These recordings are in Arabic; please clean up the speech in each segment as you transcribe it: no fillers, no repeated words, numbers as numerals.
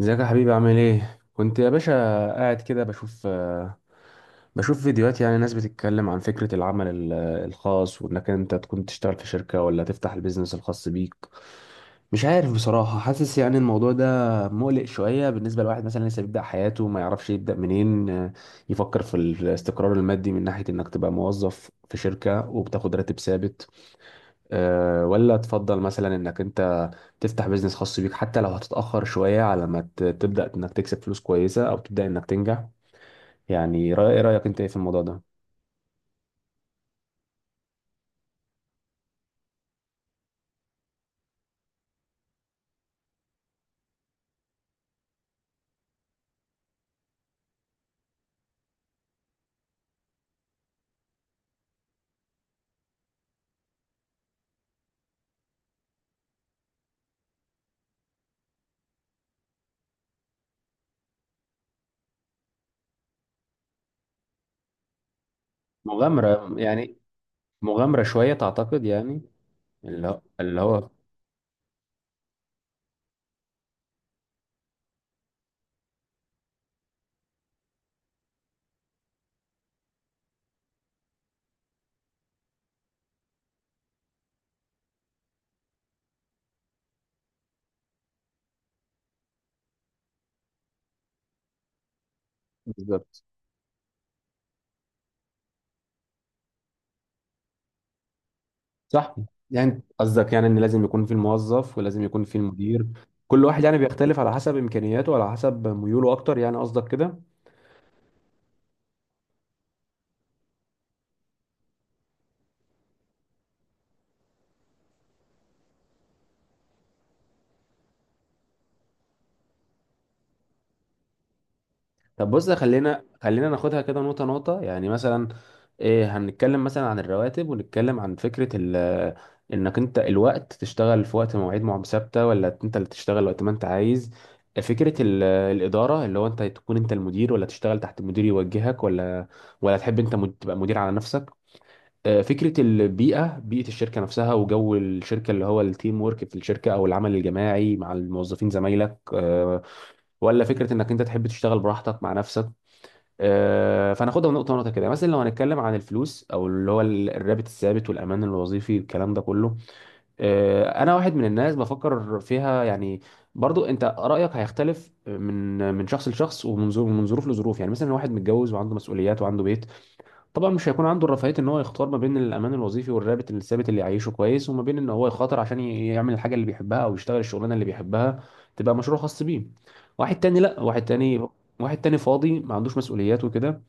ازيك يا حبيبي؟ عامل ايه؟ كنت يا باشا قاعد كده بشوف بشوف فيديوهات، يعني ناس بتتكلم عن فكرة العمل الخاص، وانك انت تكون تشتغل في شركة ولا تفتح البيزنس الخاص بيك. مش عارف بصراحة، حاسس يعني الموضوع ده مقلق شوية بالنسبة لواحد مثلا لسه بيبدأ حياته، ما يعرفش يبدأ منين. يفكر في الاستقرار المادي من ناحية انك تبقى موظف في شركة وبتاخد راتب ثابت، ولا تفضل مثلا انك انت تفتح بيزنس خاص بيك حتى لو هتتأخر شوية على ما تبدأ انك تكسب فلوس كويسة او تبدأ انك تنجح. يعني ايه رأيك انت، ايه في الموضوع ده؟ مغامرة يعني، مغامرة شوية تعتقد يعني؟ اللي هو بالظبط. صح. يعني قصدك يعني ان لازم يكون في الموظف ولازم يكون في المدير؟ كل واحد يعني بيختلف على حسب امكانياته وعلى حسب ميوله اكتر، يعني قصدك كده؟ طب بص، خلينا ناخدها كده نقطة نقطة. يعني مثلا إيه، هنتكلم مثلا عن الرواتب، ونتكلم عن فكرة ال، إنك أنت الوقت تشتغل في وقت مواعيد ثابتة، ولا أنت اللي تشتغل وقت ما أنت عايز. فكرة الإدارة، اللي هو أنت تكون أنت المدير، ولا تشتغل تحت مدير يوجهك، ولا ولا تحب أنت تبقى مدير على نفسك. فكرة البيئة، بيئة الشركة نفسها وجو الشركة اللي هو التيم ورك في الشركة أو العمل الجماعي مع الموظفين زمايلك، ولا فكرة انك انت تحب تشتغل براحتك مع نفسك. فناخدها نقطه نقطه كده. مثلا لو هنتكلم عن الفلوس او اللي هو الرابط الثابت والامان الوظيفي والكلام ده كله، انا واحد من الناس بفكر فيها يعني. برضو انت رايك هيختلف من شخص لشخص، ومن ظروف، من ظروف لظروف. يعني مثلا واحد متجوز وعنده مسؤوليات وعنده بيت، طبعا مش هيكون عنده الرفاهيه ان هو يختار ما بين الامان الوظيفي والرابط الثابت اللي يعيشه كويس، وما بين ان هو يخاطر عشان يعمل الحاجه اللي بيحبها او يشتغل الشغلانه اللي بيحبها، تبقى مشروع خاص بيه. واحد تاني لا، واحد تاني، واحد تاني فاضي ما عندوش مسؤوليات وكده،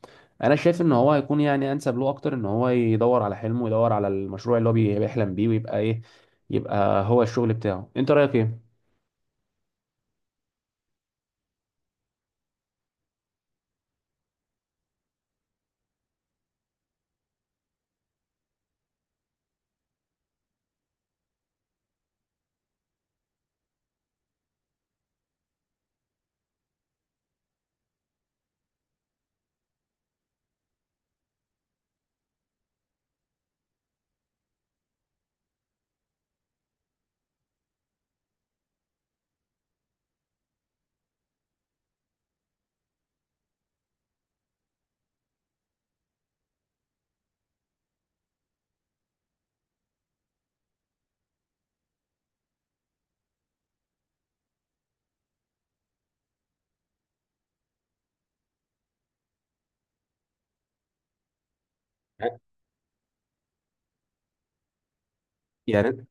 انا شايف ان هو هيكون يعني انسب له اكتر ان هو يدور على حلمه ويدور على المشروع اللي هو بيحلم بيه، ويبقى ايه، يبقى هو الشغل بتاعه. انت رايك ايه؟ يعني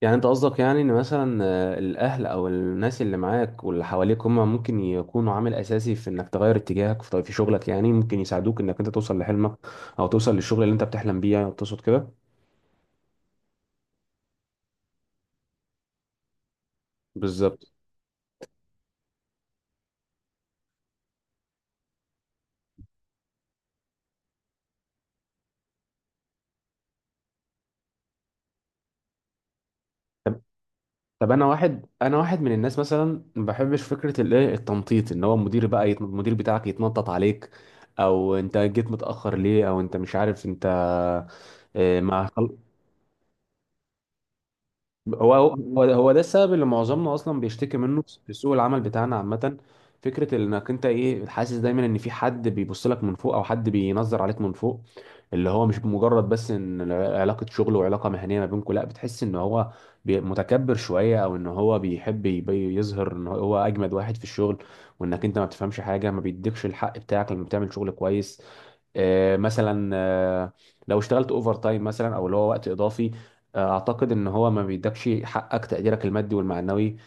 يعني انت قصدك، يعني ان مثلا الاهل او الناس اللي معاك واللي حواليك هم ممكن يكونوا عامل اساسي في انك تغير اتجاهك في شغلك، يعني ممكن يساعدوك انك انت توصل لحلمك او توصل للشغل اللي انت بتحلم بيه، يعني تقصد كده؟ بالظبط. طب، طب انا واحد، انا واحد من الناس مثلا ما بحبش فكره الايه التنطيط، ان هو المدير بقى يت... المدير بتاعك يتنطط عليك، او انت جيت متاخر ليه، او انت مش عارف انت، ما هو ده السبب اللي معظمنا اصلا بيشتكي منه في سوق العمل بتاعنا عامه. فكره انك انت ايه، حاسس دايما ان في حد بيبص لك من فوق او حد بينظر عليك من فوق، اللي هو مش مجرد بس ان علاقه شغل وعلاقه مهنيه ما بينكم، لا، بتحس ان هو متكبر شويه، او ان هو بيحب يظهر ان هو اجمد واحد في الشغل، وانك انت ما بتفهمش حاجه، ما بيديكش الحق بتاعك لما بتعمل شغل كويس. مثلا، لو اشتغلت اوفر تايم مثلا، او اللي هو وقت اضافي، اعتقد ان هو ما بيدكش حقك، تقديرك المادي والمعنوي.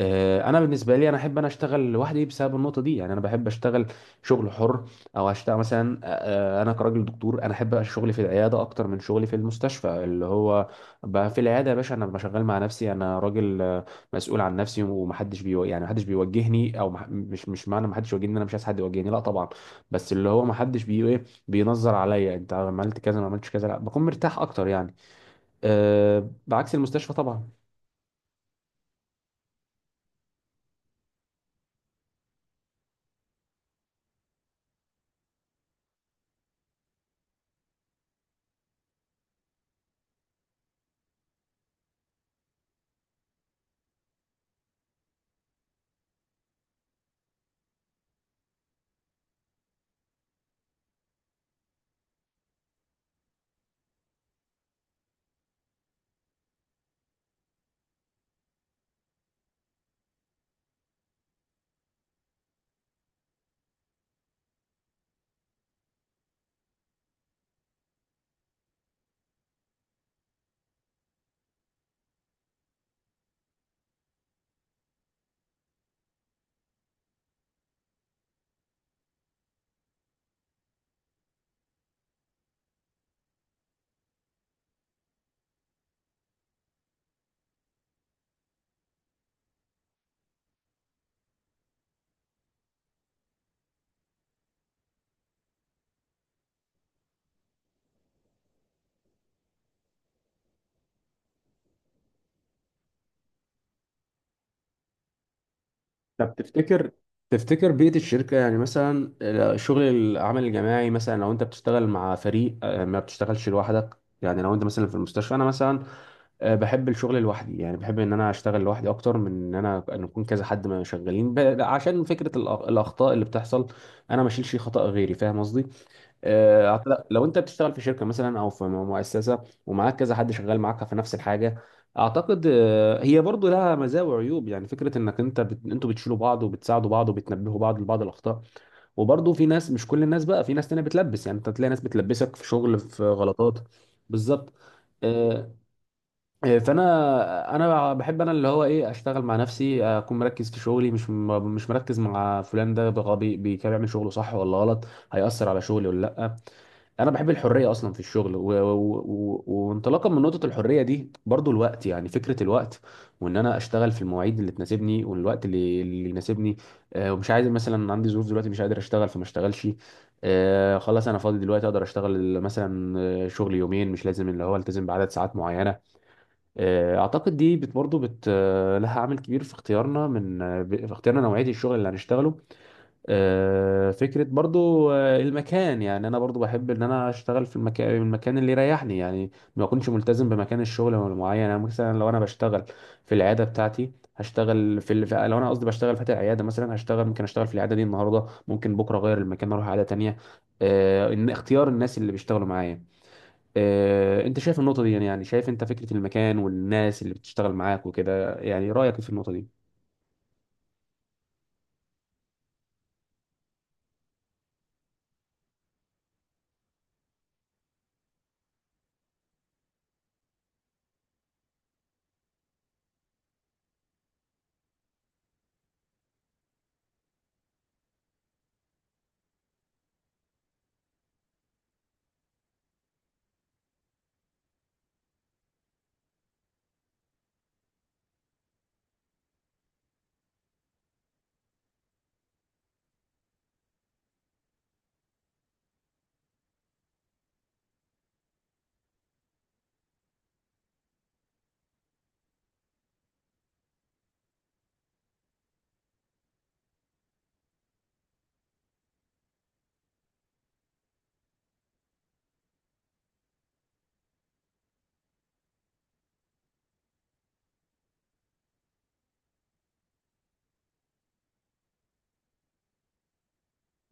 انا بالنسبه لي، انا احب انا اشتغل لوحدي بسبب النقطه دي. يعني انا بحب اشتغل شغل حر، او اشتغل مثلا، انا كراجل دكتور، انا احب شغلي في العياده اكتر من شغلي في المستشفى. اللي هو بقى في العياده يا باشا، انا بشغل مع نفسي، انا راجل مسؤول عن نفسي، ومحدش بيو... يعني محدش بيوجهني، او مح... مش مش معنى محدش يوجهني إن انا مش عايز حد يوجهني، لا طبعا، بس اللي هو محدش بي ايه، بينظر عليا انت عملت كذا ما عملتش كذا، لا بكون مرتاح اكتر يعني. بعكس المستشفى طبعا. طب تفتكر، تفتكر بيئة الشركة يعني مثلا، شغل العمل الجماعي مثلا، لو انت بتشتغل مع فريق ما بتشتغلش لوحدك، يعني لو انت مثلا في المستشفى، انا مثلا بحب الشغل لوحدي، يعني بحب ان انا اشتغل لوحدي اكتر من ان انا ان يكون كذا حد ما شغالين عشان فكرة الاخطاء اللي بتحصل، انا ما اشيلش خطأ غيري، فاهم قصدي؟ لو انت بتشتغل في شركه مثلا او في مؤسسه ومعاك كذا حد شغال معاك في نفس الحاجه، اعتقد هي برضو لها مزايا وعيوب. يعني فكره انك انت بت... انتوا بتشيلوا بعض وبتساعدوا بعض وبتنبهوا بعض لبعض الاخطاء، وبرضو في ناس، مش كل الناس بقى، في ناس تانية بتلبس، يعني انت تلاقي ناس بتلبسك في شغل، في غلطات. بالظبط. آه، فانا، انا بحب انا اللي هو ايه، اشتغل مع نفسي، اكون مركز في شغلي، مش مش مركز مع فلان ده بغبي كان بيعمل شغله صح ولا غلط، هيأثر على شغلي ولا لا. انا بحب الحريه اصلا في الشغل، وانطلاقا من نقطه الحريه دي، برضو الوقت، يعني فكره الوقت، وان انا اشتغل في المواعيد اللي تناسبني، والوقت اللي يناسبني. آه، ومش عايز، مثلا عندي ظروف دلوقتي مش قادر اشتغل فما اشتغلش، آه خلاص انا فاضي دلوقتي اقدر اشتغل مثلا، شغل يومين، مش لازم اللي هو التزم بعدد ساعات معينه. آه، اعتقد دي بت برضو بت لها عامل كبير في اختيارنا من، في اختيارنا نوعيه الشغل اللي هنشتغله. فكرة برضو المكان، يعني أنا برضو بحب إن أنا أشتغل في المكان، المكان اللي يريحني، يعني ما أكونش ملتزم بمكان الشغل معين. يعني مثلا لو أنا بشتغل في العيادة بتاعتي، هشتغل في ال... لو أنا قصدي بشتغل فاتح عيادة مثلا، هشتغل ممكن أشتغل في العيادة دي النهاردة، ممكن بكرة أغير المكان أروح عيادة تانية. إن اختيار الناس اللي بيشتغلوا معايا، أنت شايف النقطة دي يعني؟ يعني شايف أنت فكرة المكان والناس اللي بتشتغل معاك وكده، يعني رأيك في النقطة دي؟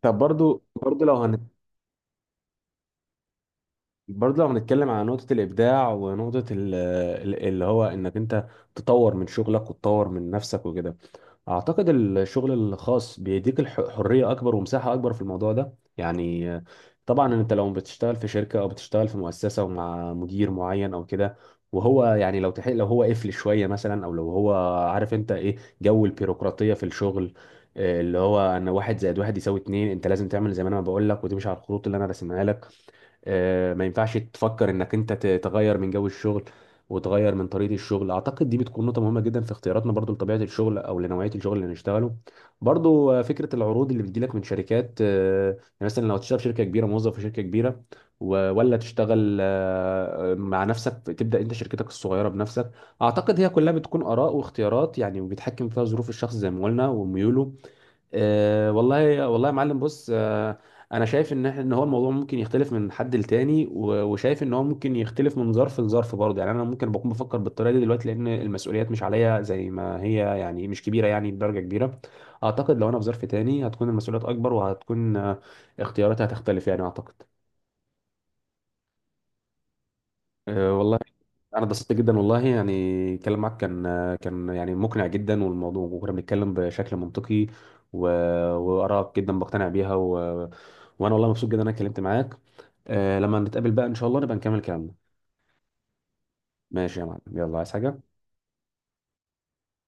طب برضو، برضه لو هنتكلم على نقطة الإبداع ونقطة اللي هو إنك أنت تطور من شغلك وتطور من نفسك وكده، أعتقد الشغل الخاص بيديك حرية أكبر ومساحة أكبر في الموضوع ده يعني. آه، طبعا أنت لو بتشتغل في شركة أو بتشتغل في مؤسسة ومع مدير معين أو كده، وهو يعني لو تحق، لو هو قفل شوية مثلا، أو لو هو، عارف أنت إيه جو البيروقراطية في الشغل، اللي هو أن واحد زائد واحد يساوي اتنين، أنت لازم تعمل زي ما أنا بقول لك وتمشي على الخطوط اللي أنا راسمها لك. ما ينفعش تفكر انك انت تغير من جو الشغل وتغير من طريقة الشغل. اعتقد دي بتكون نقطة مهمة جدا في اختياراتنا، برضو لطبيعة الشغل او لنوعية الشغل اللي نشتغله. برضو فكرة العروض اللي بتجيلك من شركات، يعني مثلا لو تشتغل في شركة كبيرة، موظف في شركة كبيرة، ولا تشتغل مع نفسك، تبدأ انت شركتك الصغيرة بنفسك. اعتقد هي كلها بتكون آراء واختيارات يعني، وبيتحكم فيها ظروف الشخص زي ما قلنا وميوله. آه والله، والله يا معلم بص، آه انا شايف ان ان هو الموضوع ممكن يختلف من حد لتاني، وشايف ان هو ممكن يختلف من ظرف لظرف برضه. يعني انا ممكن بكون بفكر بالطريقه دي دلوقتي لان المسؤوليات مش عليا زي ما هي، يعني مش كبيره يعني بدرجه كبيره. اعتقد لو انا في ظرف تاني، هتكون المسؤوليات اكبر، وهتكون اختياراتي هتختلف يعني اعتقد. أه والله. انا اتبسطت جدا والله يعني، الكلام معاك كان، كان يعني مقنع جدا، والموضوع، وكنا بنتكلم بشكل منطقي، و... وارائك جدا بقتنع بيها، وانا والله مبسوط جدا ان انا اتكلمت معاك. آه، لما نتقابل بقى ان شاء الله نبقى نكمل كلامنا. ماشي يا معلم، يلا، عايز حاجة؟